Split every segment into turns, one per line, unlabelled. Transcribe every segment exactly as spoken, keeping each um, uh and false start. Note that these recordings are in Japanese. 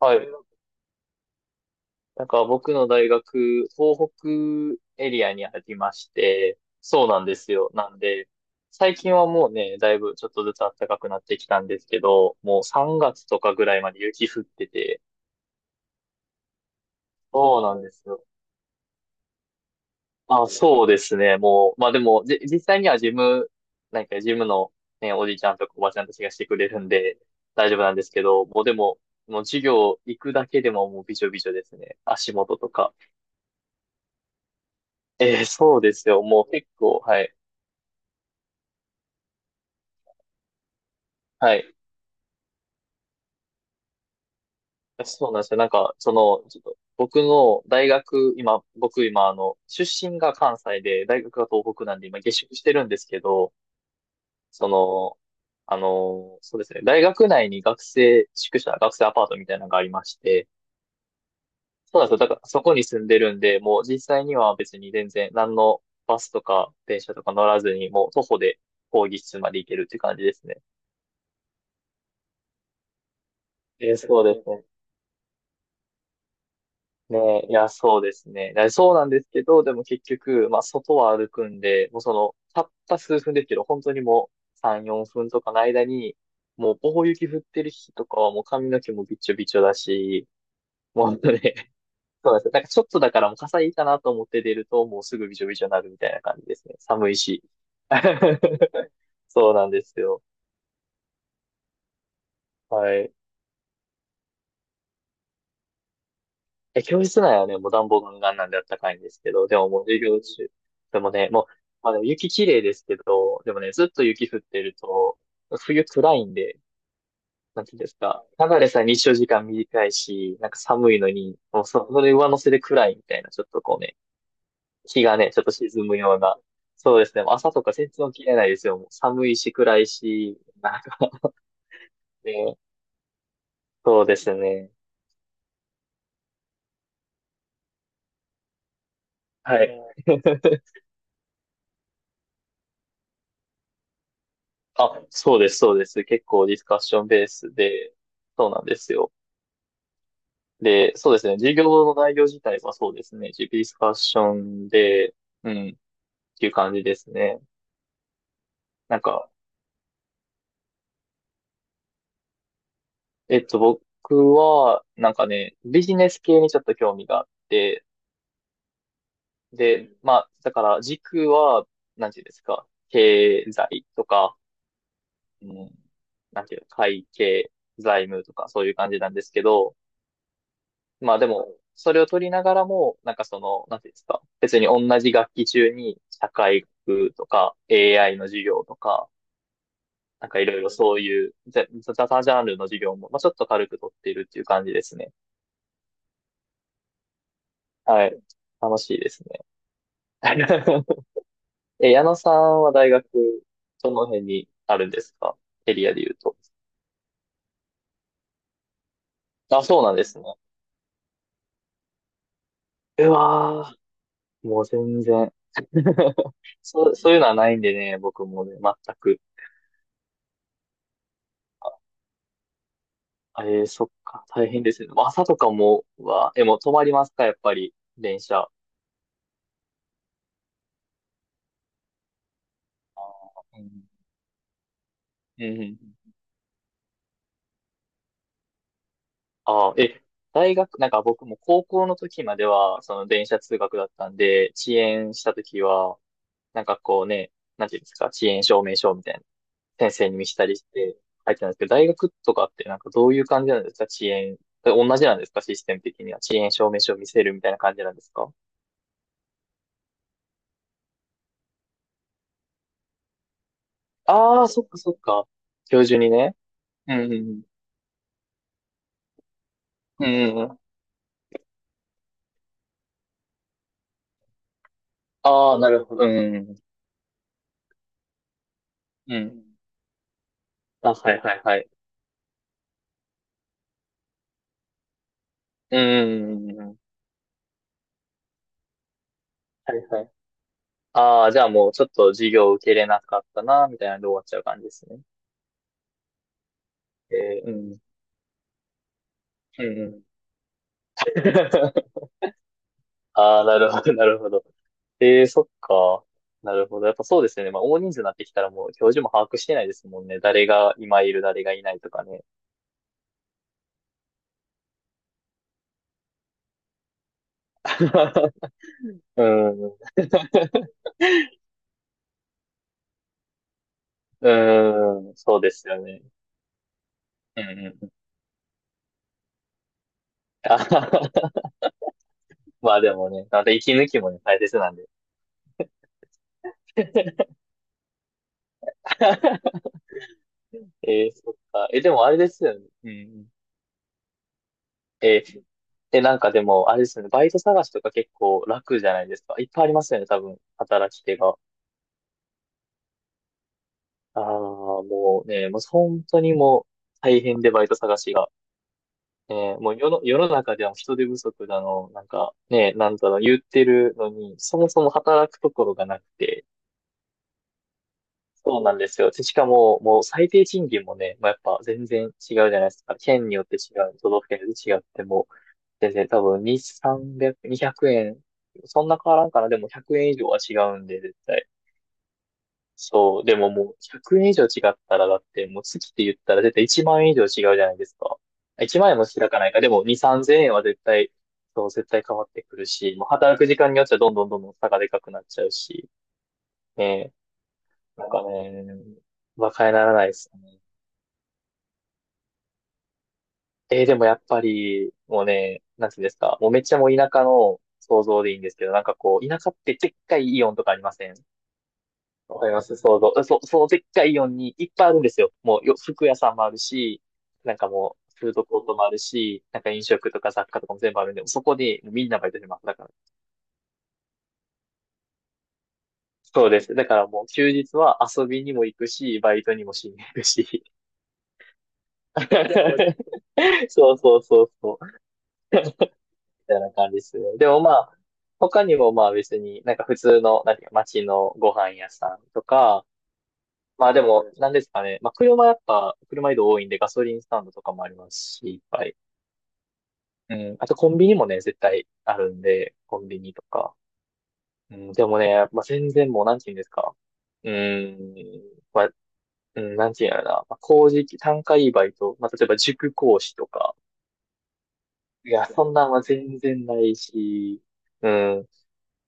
はい。なんか僕の大学、東北エリアにありまして、そうなんですよ。なんで、最近はもうね、だいぶちょっとずつ暖かくなってきたんですけど、もうさんがつとかぐらいまで雪降ってて、そうなんですよ。あ、そうですね。もう、まあでも、じ、実際にはジム、なんかジムのね、おじいちゃんとかおばちゃんたちがしてくれるんで、大丈夫なんですけど、もうでも、もう授業行くだけでももうびしょびしょですね。足元とか。ええ、そうですよ。もう結構、はい。はい。そうなんですよ。なんか、その、ちょっと、僕の大学、今、僕今、あの、出身が関西で、大学が東北なんで、今、下宿してるんですけど、その、あの、そうですね、大学内に学生宿舎、学生アパートみたいなのがありまして、そうなんですよ。だから、そこに住んでるんで、もう実際には別に全然、何のバスとか電車とか乗らずに、もう徒歩で講義室まで行けるって感じですね。えーそうですね。ね、いや、そうですね。だそうなんですけど、でも結局、まあ、外は歩くんで、もうその、たった数分ですけど、本当にもうさん、よんぷんとかの間に、もう、棒雪降ってる日とかはもう髪の毛もびっちょびちょだし、もうね、そうなんですよ。なんかちょっとだからもう傘いいかなと思って出ると、もうすぐびちょびちょになるみたいな感じですね。寒いし。そうなんですよ。はい。え、教室内はね、もう暖房ガンガンなんであったかいんですけど、でももう授業中、でもね、もう、まあでも雪綺麗ですけど、でもね、ずっと雪降ってると、冬暗いんで、なんていうんですか、ただでさえ日照時間短いし、なんか寒いのに、もうそ、それ上乗せで暗いみたいな、ちょっとこうね、日がね、ちょっと沈むような、そうですね、もう朝とか全然起きれないですよ。もう寒いし暗いし、なんかね、そうですね。はい。あ、そうです、そうです。結構ディスカッションベースで、そうなんですよ。で、そうですね。授業の内容自体はそうですね。ディスカッションで、うん、っていう感じですね。なんか、えっと、僕は、なんかね、ビジネス系にちょっと興味があって、で、まあ、だから軸は、なんていうんですか、経済とか、うん、なんていうの、会計、財務とか、そういう感じなんですけど、まあでも、それを取りながらも、なんかその、なんていうんですか、別に同じ学期中に社会学とか エーアイ の授業とか、なんかいろいろそういうざ雑多ジャンルの授業も、まあちょっと軽く取っているっていう感じですね。はい。楽しいですね。え、矢野さんは大学、どの辺にあるんですか？エリアで言うと。あ、そうなんですね。うわー、もう全然。そう、そういうのはないんでね、僕もね、全く。ええー、そっか。大変ですね。でも朝とかも、は、え、もう止まりますかやっぱり、電車。あーうんうんうんああ、え、大学、なんか僕も高校の時までは、その電車通学だったんで、遅延した時は、なんかこうね、なんていうんですか、遅延証明書みたいな、先生に見せたりして、入ってたんですけど、大学とかってなんかどういう感じなんですか？遅延。同じなんですかシステム的には。遅延証明書を見せるみたいな感じなんですか？ああー、そっかそっか。教授にね。うんうんうん。うんうんうんああ、なるほど。うん。うん。あ、はいはいはい。うん。はいはい。ああ、じゃあもうちょっと授業受けれなかったな、みたいなんで終わっちゃう感じですね。えー、うん。うんうん。ああ、なるほど、なるほど。ええー、そっか。なるほど。やっぱそうですよね。まあ、大人数になってきたらもう教授も把握してないですもんね。誰が今いる、誰がいないとかね。うん。うん。そうですよね。うんうんうん。あはははまあでもね、また息抜きもね、大切なんでね。えー、そっか。え、でもあれですよね。うんうん。えー、え、なんかでも、あれですよね。バイト探しとか結構楽じゃないですか。いっぱいありますよね、多分、働き手が。ああ、もうね、もう本当にもう大変でバイト探しが。えー、もう世の、世の中では人手不足だの、なんかね、なんだろう、言ってるのに、そもそも働くところがなくて、そうなんですよ。でしかも、もう最低賃金もね、まあ、やっぱ全然違うじゃないですか。県によって違う、都道府県によって違ってもう全然多分に、さんびゃく、にえん。そんな変わらんかな。でもひゃくえん以上は違うんで、絶対。そう。でももうひゃくえん以上違ったら、だってもう月って言ったら絶対いちまん円以上違うじゃないですか。いちまん円も開かないか。でもに、さんぜんえんは絶対、そう、絶対変わってくるし、もう働く時間によっちゃどんどんどんどん差がでかくなっちゃうし、ねえ、なんかね、馬鹿にならないですね。えー、でもやっぱり、もうね、なんていうんですか、もうめっちゃもう田舎の想像でいいんですけど、なんかこう、田舎ってでっかいイオンとかありません？わかります想像。そ、そのでっかいイオンにいっぱいあるんですよ。もうよ、服屋さんもあるし、なんかもう、フードコートもあるし、なんか飲食とか雑貨とかも全部あるんで、そこでみんなバイトします。だから。そうです。だからもう休日は遊びにも行くし、バイトにもしに行くし。そうそうそうそう。たいな感じですね。でもまあ、他にもまあ別に、なんか普通の、なんていうか、街のご飯屋さんとか、まあでも、なんですかね。まあ車やっぱ、車移動多いんでガソリンスタンドとかもありますし、いっぱい。うん。あとコンビニもね、絶対あるんで、コンビニとか。うん。でもね、まあ全然もう、なんていうんですか。うん。まあ、うん、なんていうんやろな。まあ、工事、単価いいバイト。まあ例えば塾講師とか。いや、そんなんは全然ないし、うん。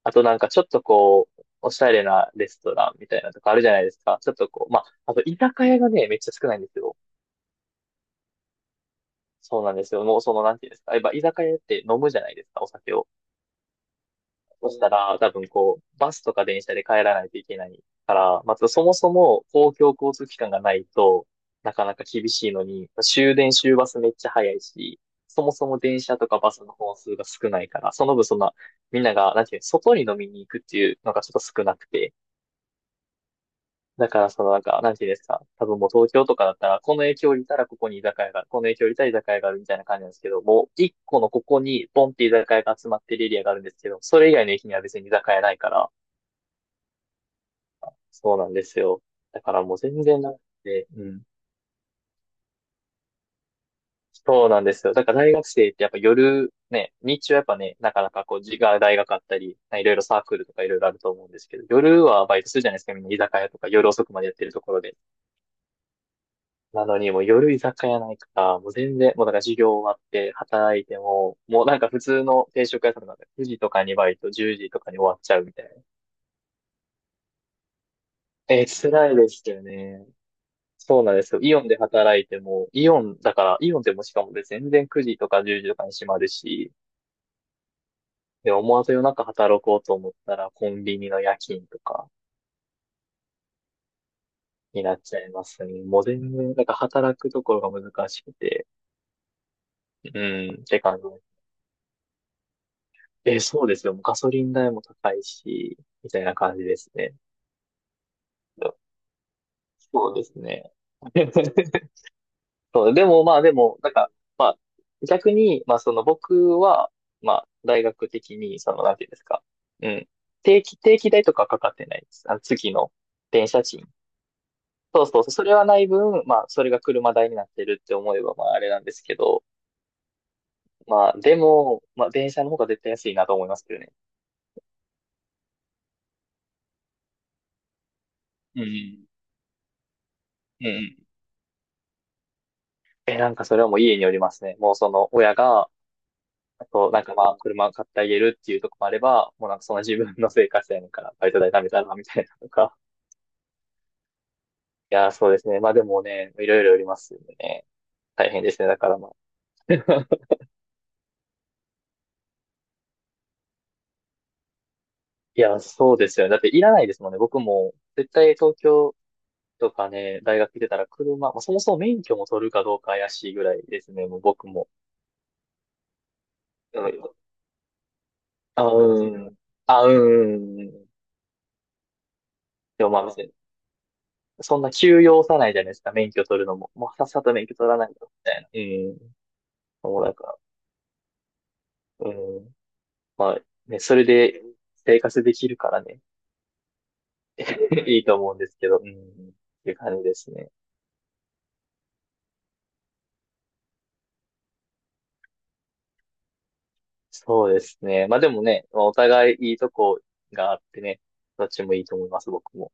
あとなんかちょっとこう、おしゃれなレストランみたいなとかあるじゃないですか。ちょっとこう、まあ、あと居酒屋がね、めっちゃ少ないんですよ。そうなんですよ。もうその、なんていうんですか。やっぱ居酒屋って飲むじゃないですか、お酒を。そしたら、多分こう、バスとか電車で帰らないといけないから、まずそもそも公共交通機関がないと、なかなか厳しいのに、終電終バスめっちゃ早いし、そもそも電車とかバスの本数が少ないから、その分そんな、みんなが、なんていうの、外に飲みに行くっていうのがちょっと少なくて、だから、そのなんか、なんていうんですか。多分もう東京とかだったら、この影響をいたらここに居酒屋がある、この影響をいたら居酒屋があるみたいな感じなんですけど、もう一個のここにポンって居酒屋が集まってるエリアがあるんですけど、それ以外の駅には別に居酒屋ないから、そうなんですよ。だからもう全然なくて、うん。そうなんですよ。だから大学生ってやっぱ夜、ね、日中はやっぱね、なかなかこう、自が大学あったり、いろいろサークルとかいろいろあると思うんですけど、夜はバイトするじゃないですか、みんな居酒屋とか夜遅くまでやってるところで。なのに、もう夜居酒屋ないから、もう全然、もうなんか授業終わって働いても、もうなんか普通の定食屋さんとかでくじとかにバイト、じゅうじとかに終わっちゃうみたいな。えー、辛いですよね。そうなんですよ。イオンで働いても、イオンだから、イオンでもしかもで全然くじとかじゅうじとかに閉まるし、で、思わず夜中働こうと思ったら、コンビニの夜勤とかになっちゃいますね。もう全然、なんか働くところが難しくて、うん、って感じ。え、そうですよ。もうガソリン代も高いし、みたいな感じですね。そうですね。そう、でもまあでも、なんか、まあ、逆に、まあその僕は、まあ、大学的に、その、なんていうんですか。うん。定期、定期代とかかかってないです。あの、月の電車賃。そうそうそう、それはない分、まあ、それが車代になってるって思えば、まあ、あれなんですけど、まあ、でも、まあ、電車の方が絶対安いなと思いますけどね。うん。うんうん、え、なんかそれはもう家によりますね。もうその親が、あと、なんかまあ、車を買ってあげるっていうとこもあれば、もうなんかその自分の生活やねんから、バイト代貯めたら、みたいなとか。いやー、そうですね。まあでもね、いろいろよりますよね。大変ですね。だからまあ。いやー、そうですよね。だっていらないですもんね。僕も、絶対東京とかね、大学出たら車、まあ、そもそも免許も取るかどうか怪しいぐらいですね。もう僕も。うん、あ、うん。あ、うん。でもまあ、そんな急要さないじゃないですか、免許取るのも。もうさっさと免許取らないと、みたいな。うん。もうなんか、うん。まあ、ね、それで生活できるからね、いいと思うんですけど、うん。っていう感じですね。そうですね。まあでもね、まあお互いいいとこがあってね、どっちもいいと思います、僕も。